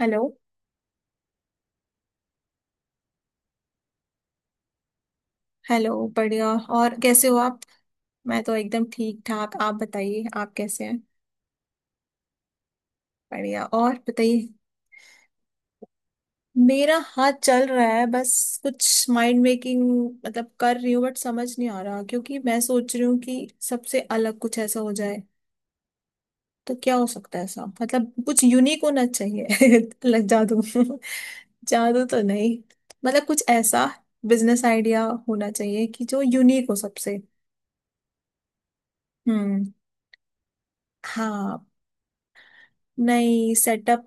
Hello. Hello बढ़िया। और कैसे हो आप? मैं तो एकदम ठीक ठाक। आप बताइए, आप कैसे हैं? बढ़िया। और बताइए। मेरा हाथ चल रहा है बस। कुछ माइंड मेकिंग मतलब कर रही हूँ, बट समझ नहीं आ रहा क्योंकि मैं सोच रही हूँ कि सबसे अलग कुछ ऐसा हो जाए। तो क्या हो सकता है ऐसा, मतलब कुछ यूनिक होना चाहिए। अलग जादू। जादू तो नहीं, मतलब कुछ ऐसा बिजनेस आइडिया होना चाहिए कि जो यूनिक हो सबसे। हम्म। हाँ। नहीं, सेटअप।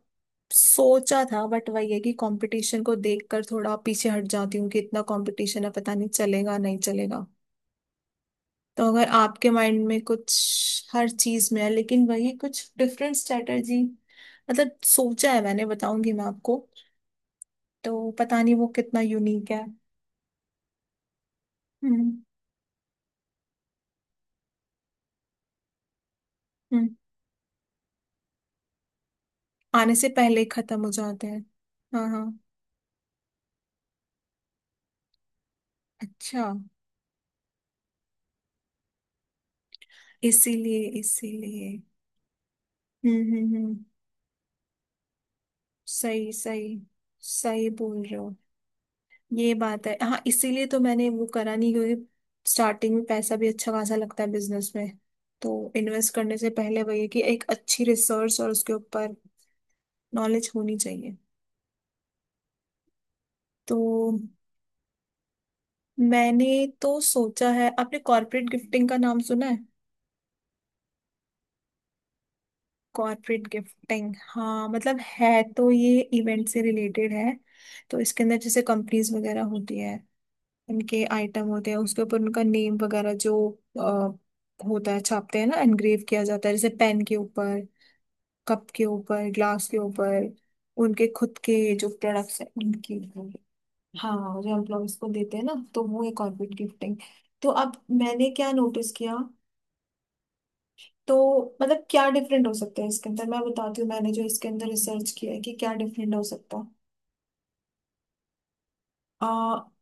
सोचा था बट वही है कि कंपटीशन को देखकर थोड़ा पीछे हट जाती हूँ कि इतना कंपटीशन है, पता नहीं चलेगा नहीं चलेगा। तो अगर आपके माइंड में कुछ हर चीज में है लेकिन वही कुछ डिफरेंट स्ट्रेटजी। मतलब सोचा है, मैंने बताऊंगी मैं आपको। तो पता नहीं वो कितना यूनिक है। हम्म। हम्म। आने से पहले ही खत्म हो जाते हैं। हाँ हाँ। अच्छा। इसीलिए इसीलिए। हम्म। सही सही। सही बोल रहे हो। ये बात है, हाँ, इसीलिए तो मैंने वो करा नहीं, क्योंकि स्टार्टिंग में पैसा भी अच्छा खासा लगता है बिजनेस में। तो इन्वेस्ट करने से पहले वही है कि एक अच्छी रिसर्च और उसके ऊपर नॉलेज होनी चाहिए। तो मैंने तो सोचा है, आपने कॉर्पोरेट गिफ्टिंग का नाम सुना है? कॉर्पोरेट गिफ्टिंग, हाँ, मतलब है तो ये इवेंट से रिलेटेड है। तो इसके अंदर जैसे कंपनीज वगैरह होती है। उनके आइटम होते हैं, उसके ऊपर उनका नेम वगैरह जो अ, होता है, छापते हैं ना, एनग्रेव किया जाता है, जैसे पेन के ऊपर। कप के ऊपर, ग्लास के ऊपर। उनके खुद के जो प्रोडक्ट्स हैं उनकी। हाँ, जो एम्प्लॉयज को देते हैं ना, तो वो है कॉर्पोरेट गिफ्टिंग। तो अब मैंने क्या नोटिस किया। तो मतलब क्या डिफरेंट हो सकता है इसके अंदर, मैं बताती हूँ मैंने जो इसके अंदर रिसर्च किया है कि क्या डिफरेंट हो सकता है। अ,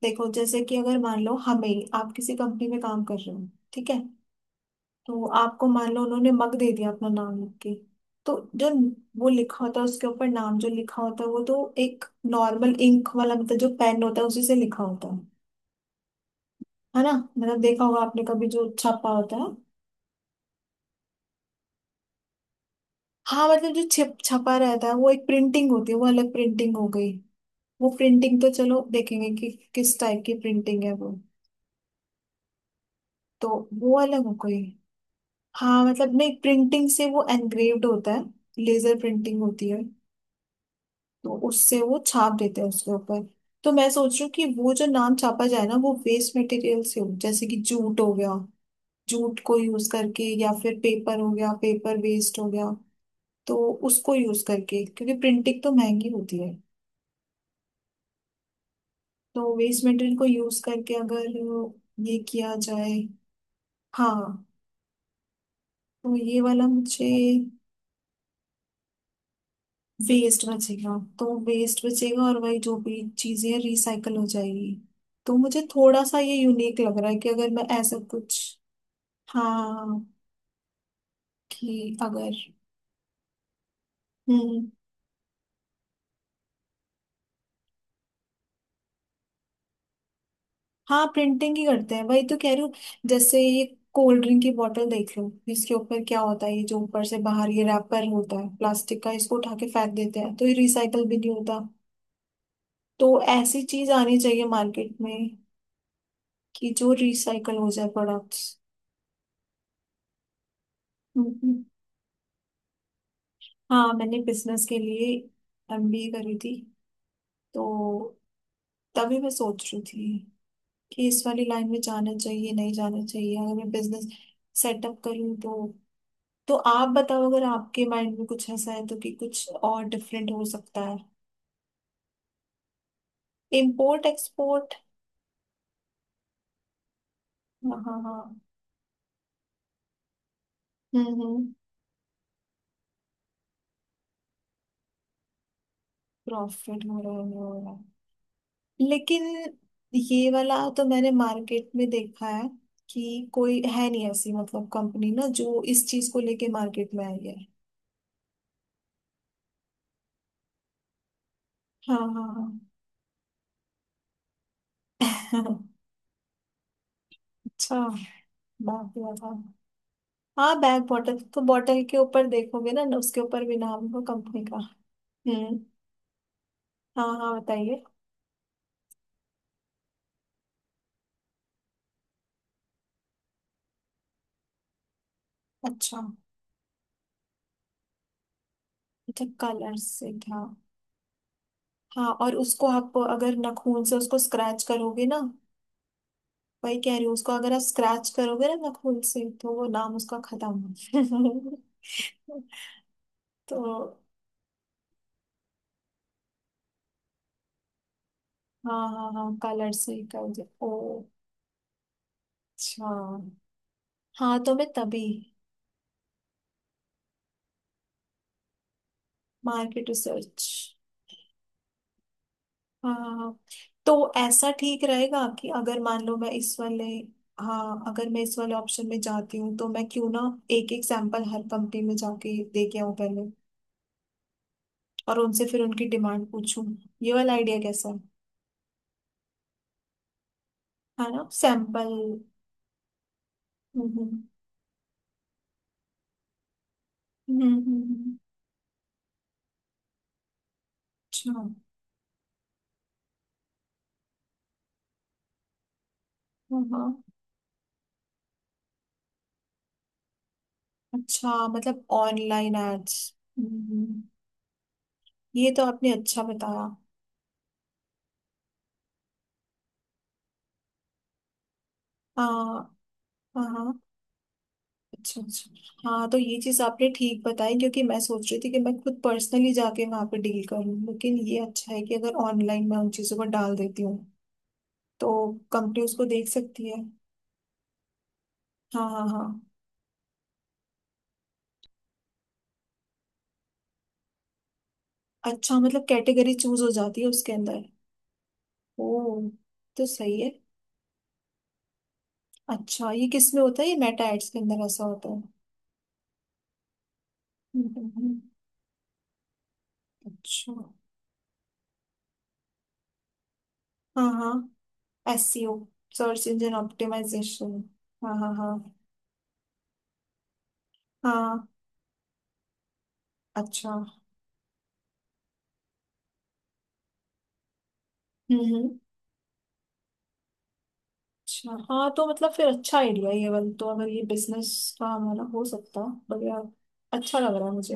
देखो, जैसे कि अगर मान लो हमें, आप किसी कंपनी में काम कर रहे हो। ठीक है। तो आपको मान लो उन्होंने मग दे दिया अपना नाम लिख के। तो जो वो लिखा होता है उसके ऊपर, नाम जो लिखा होता है वो तो एक नॉर्मल इंक वाला, मतलब जो पेन होता है उसी से लिखा होता है। है ना। मतलब देखा होगा आपने कभी जो छपा होता है। हाँ, मतलब जो छिप छपा रहता है वो एक प्रिंटिंग होती है, वो अलग प्रिंटिंग हो गई। वो प्रिंटिंग तो चलो देखेंगे कि किस टाइप की प्रिंटिंग है वो। तो वो अलग हो गई। हाँ, मतलब नहीं, प्रिंटिंग से वो एनग्रेव्ड होता है। लेजर प्रिंटिंग होती है। तो उससे वो छाप देते हैं उसके ऊपर। तो मैं सोच रही हूँ कि वो जो नाम छापा जाए ना, वो वेस्ट मटेरियल से हो, जैसे कि जूट हो गया। जूट को यूज करके, या फिर पेपर हो गया, पेपर वेस्ट हो गया। तो उसको यूज करके, क्योंकि प्रिंटिंग तो महंगी होती है। तो वेस्ट मटेरियल को यूज करके अगर ये किया जाए। हाँ। तो ये वाला मुझे। वेस्ट बचेगा तो वेस्ट बचेगा, और वही जो भी चीजें रिसाइकल हो जाएगी। तो मुझे थोड़ा सा ये यूनिक लग रहा है कि अगर मैं ऐसा कुछ। हाँ। कि अगर। हम्म। हाँ, प्रिंटिंग ही करते हैं, वही तो कह रही हूँ। जैसे ये कोल्ड ड्रिंक की बोतल देख लो, इसके ऊपर क्या होता है, ये जो ऊपर से बाहर ये रैपर होता है प्लास्टिक का, इसको उठा के फेंक देते हैं, तो ये रिसाइकल भी नहीं होता। तो ऐसी चीज आनी चाहिए मार्केट में। कि जो रिसाइकल हो जाए प्रोडक्ट्स। हम्म, हाँ, मैंने बिजनेस के लिए एमबीए करी थी। तो तभी मैं सोच रही थी कि इस वाली लाइन में जाना चाहिए नहीं जाना चाहिए, अगर मैं बिजनेस सेटअप करूँ तो। तो आप बताओ अगर आपके माइंड में कुछ ऐसा है तो, कि कुछ और डिफरेंट हो सकता है। Import export. हाँ हाँ हाँ। हम्म। प्रॉफिट हो रहा है, हो रहा है। लेकिन ये वाला तो मैंने मार्केट में देखा है। कि कोई है नहीं ऐसी, मतलब कंपनी ना, जो इस चीज को लेके मार्केट में आई है। हाँ हाँ हाँ। अच्छा, बात हुआ था। हाँ, बैग बॉटल। तो बॉटल के ऊपर देखोगे ना ना उसके ऊपर भी नाम होगा कंपनी का। हम्म। हाँ हाँ, बताइए। अच्छा अच्छा, कलर से था। हाँ, और उसको आप अगर नाखून से उसको स्क्रैच करोगे ना। वही कह रही हूँ, उसको अगर आप स्क्रैच करोगे ना नाखून से, तो वो नाम उसका खत्म। तो। हाँ हाँ हाँ, कलर से ही कर दे। ओ। अच्छा। हाँ, तो मैं तभी। Market research. हाँ, तो ऐसा ठीक रहेगा कि अगर मान लो मैं इस वाले। हाँ, अगर मैं इस वाले ऑप्शन में जाती हूँ तो मैं क्यों ना। एक एक सैंपल हर कंपनी में जाके दे के आऊँ पहले। और उनसे फिर उनकी डिमांड पूछूं। ये वाला आइडिया कैसा है? है ना, सैंपल। हम्म हम्म हम्म। अच्छा। हाँ हाँ। अच्छा, मतलब ऑनलाइन एड्स। ये तो आपने अच्छा बताया। हाँ हाँ। हाँ। अच्छा अच्छा। हाँ, तो ये चीज आपने ठीक बताई क्योंकि मैं सोच रही थी कि मैं खुद पर्सनली जाके वहां पे डील करूँ, लेकिन ये अच्छा है कि अगर ऑनलाइन मैं उन चीजों को डाल देती हूँ। तो कंपनी उसको देख सकती है। हाँ हाँ हाँ। अच्छा, मतलब कैटेगरी चूज हो जाती है उसके अंदर। ओ। तो सही है। अच्छा, ये किस में होता है, ये मेटा एड्स के अंदर ऐसा होता है? हम्म, हम्म, हम्म। अच्छा। हाँ हाँ, S C O, search engine optimisation. हाँ हाँ हाँ। हाँ। अच्छा। हम्म। अच्छा, हाँ, तो मतलब फिर अच्छा आइडिया है ये वाला, तो अगर ये बिजनेस का हमारा हो सकता। बढ़िया। अच्छा लग रहा है मुझे।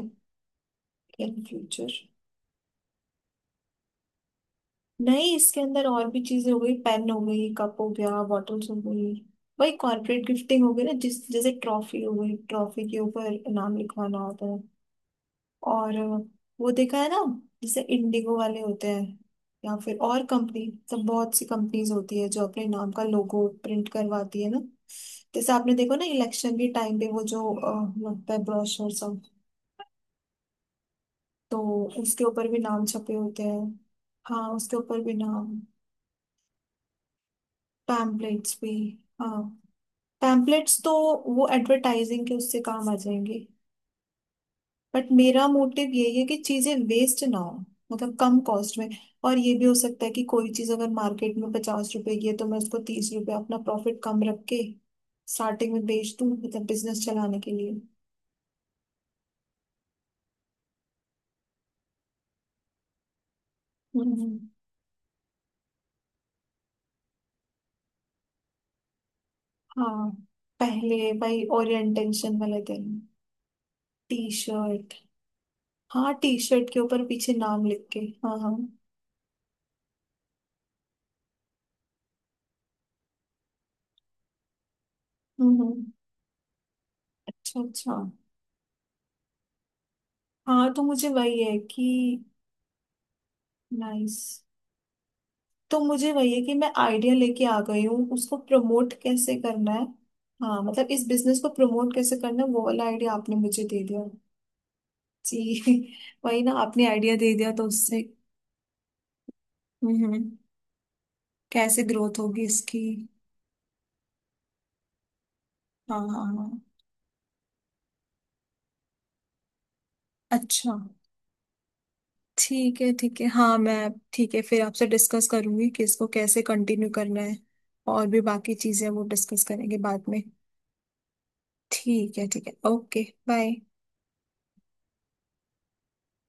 In future. नहीं, इसके अंदर और भी चीजें हो गई, पेन हो गई, कप हो गया, बॉटल्स हो गई। वही कॉर्पोरेट गिफ्टिंग हो गई ना, जिस जैसे ट्रॉफी हो गई, ट्रॉफी के ऊपर नाम लिखवाना होता है। और वो देखा है ना। जैसे इंडिगो वाले होते हैं। या फिर और कंपनी सब, बहुत सी कंपनीज होती है जो अपने नाम का लोगो प्रिंट करवाती है ना। जैसे आपने देखो ना, इलेक्शन के टाइम पे वो जो लगता है ब्रोशर सब। तो उसके ऊपर भी नाम छपे होते हैं। हाँ, उसके ऊपर भी नाम। पैम्पलेट्स भी। हाँ, पैम्पलेट्स तो वो एडवर्टाइजिंग के उससे काम आ जाएंगे। बट मेरा मोटिव यही है कि चीजें वेस्ट ना हो। मतलब कम कॉस्ट में। और ये भी हो सकता है कि कोई चीज अगर मार्केट में 50 रुपए की है तो मैं उसको 30 रुपए अपना प्रॉफिट कम रख के स्टार्टिंग में बेच दूं, मतलब बिजनेस चलाने के लिए। हम्म। हाँ, पहले भाई ओरिएंटेशन वाले दिन। T shirt. हाँ, टी शर्ट के ऊपर पीछे नाम लिख के। हाँ हाँ। हम्म हम्म, अच्छा अच्छा। हाँ, तो मुझे वही है कि। नाइस। तो मुझे वही है कि मैं आइडिया लेके आ गई हूँ, उसको प्रमोट कैसे करना है। हाँ, मतलब इस बिजनेस को प्रमोट कैसे करना है, वो वाला आइडिया आपने मुझे दे दिया। जी। वही ना, आपने आइडिया दे दिया तो उससे। हम्म हम्म, कैसे ग्रोथ होगी इसकी। हाँ हाँ हाँ। अच्छा। ठीक है ठीक है, हाँ, मैं ठीक है फिर आपसे डिस्कस करूंगी कि इसको कैसे कंटिन्यू करना है। और भी बाकी चीजें वो डिस्कस करेंगे बाद में। ठीक है ठीक है, ओके। बाय।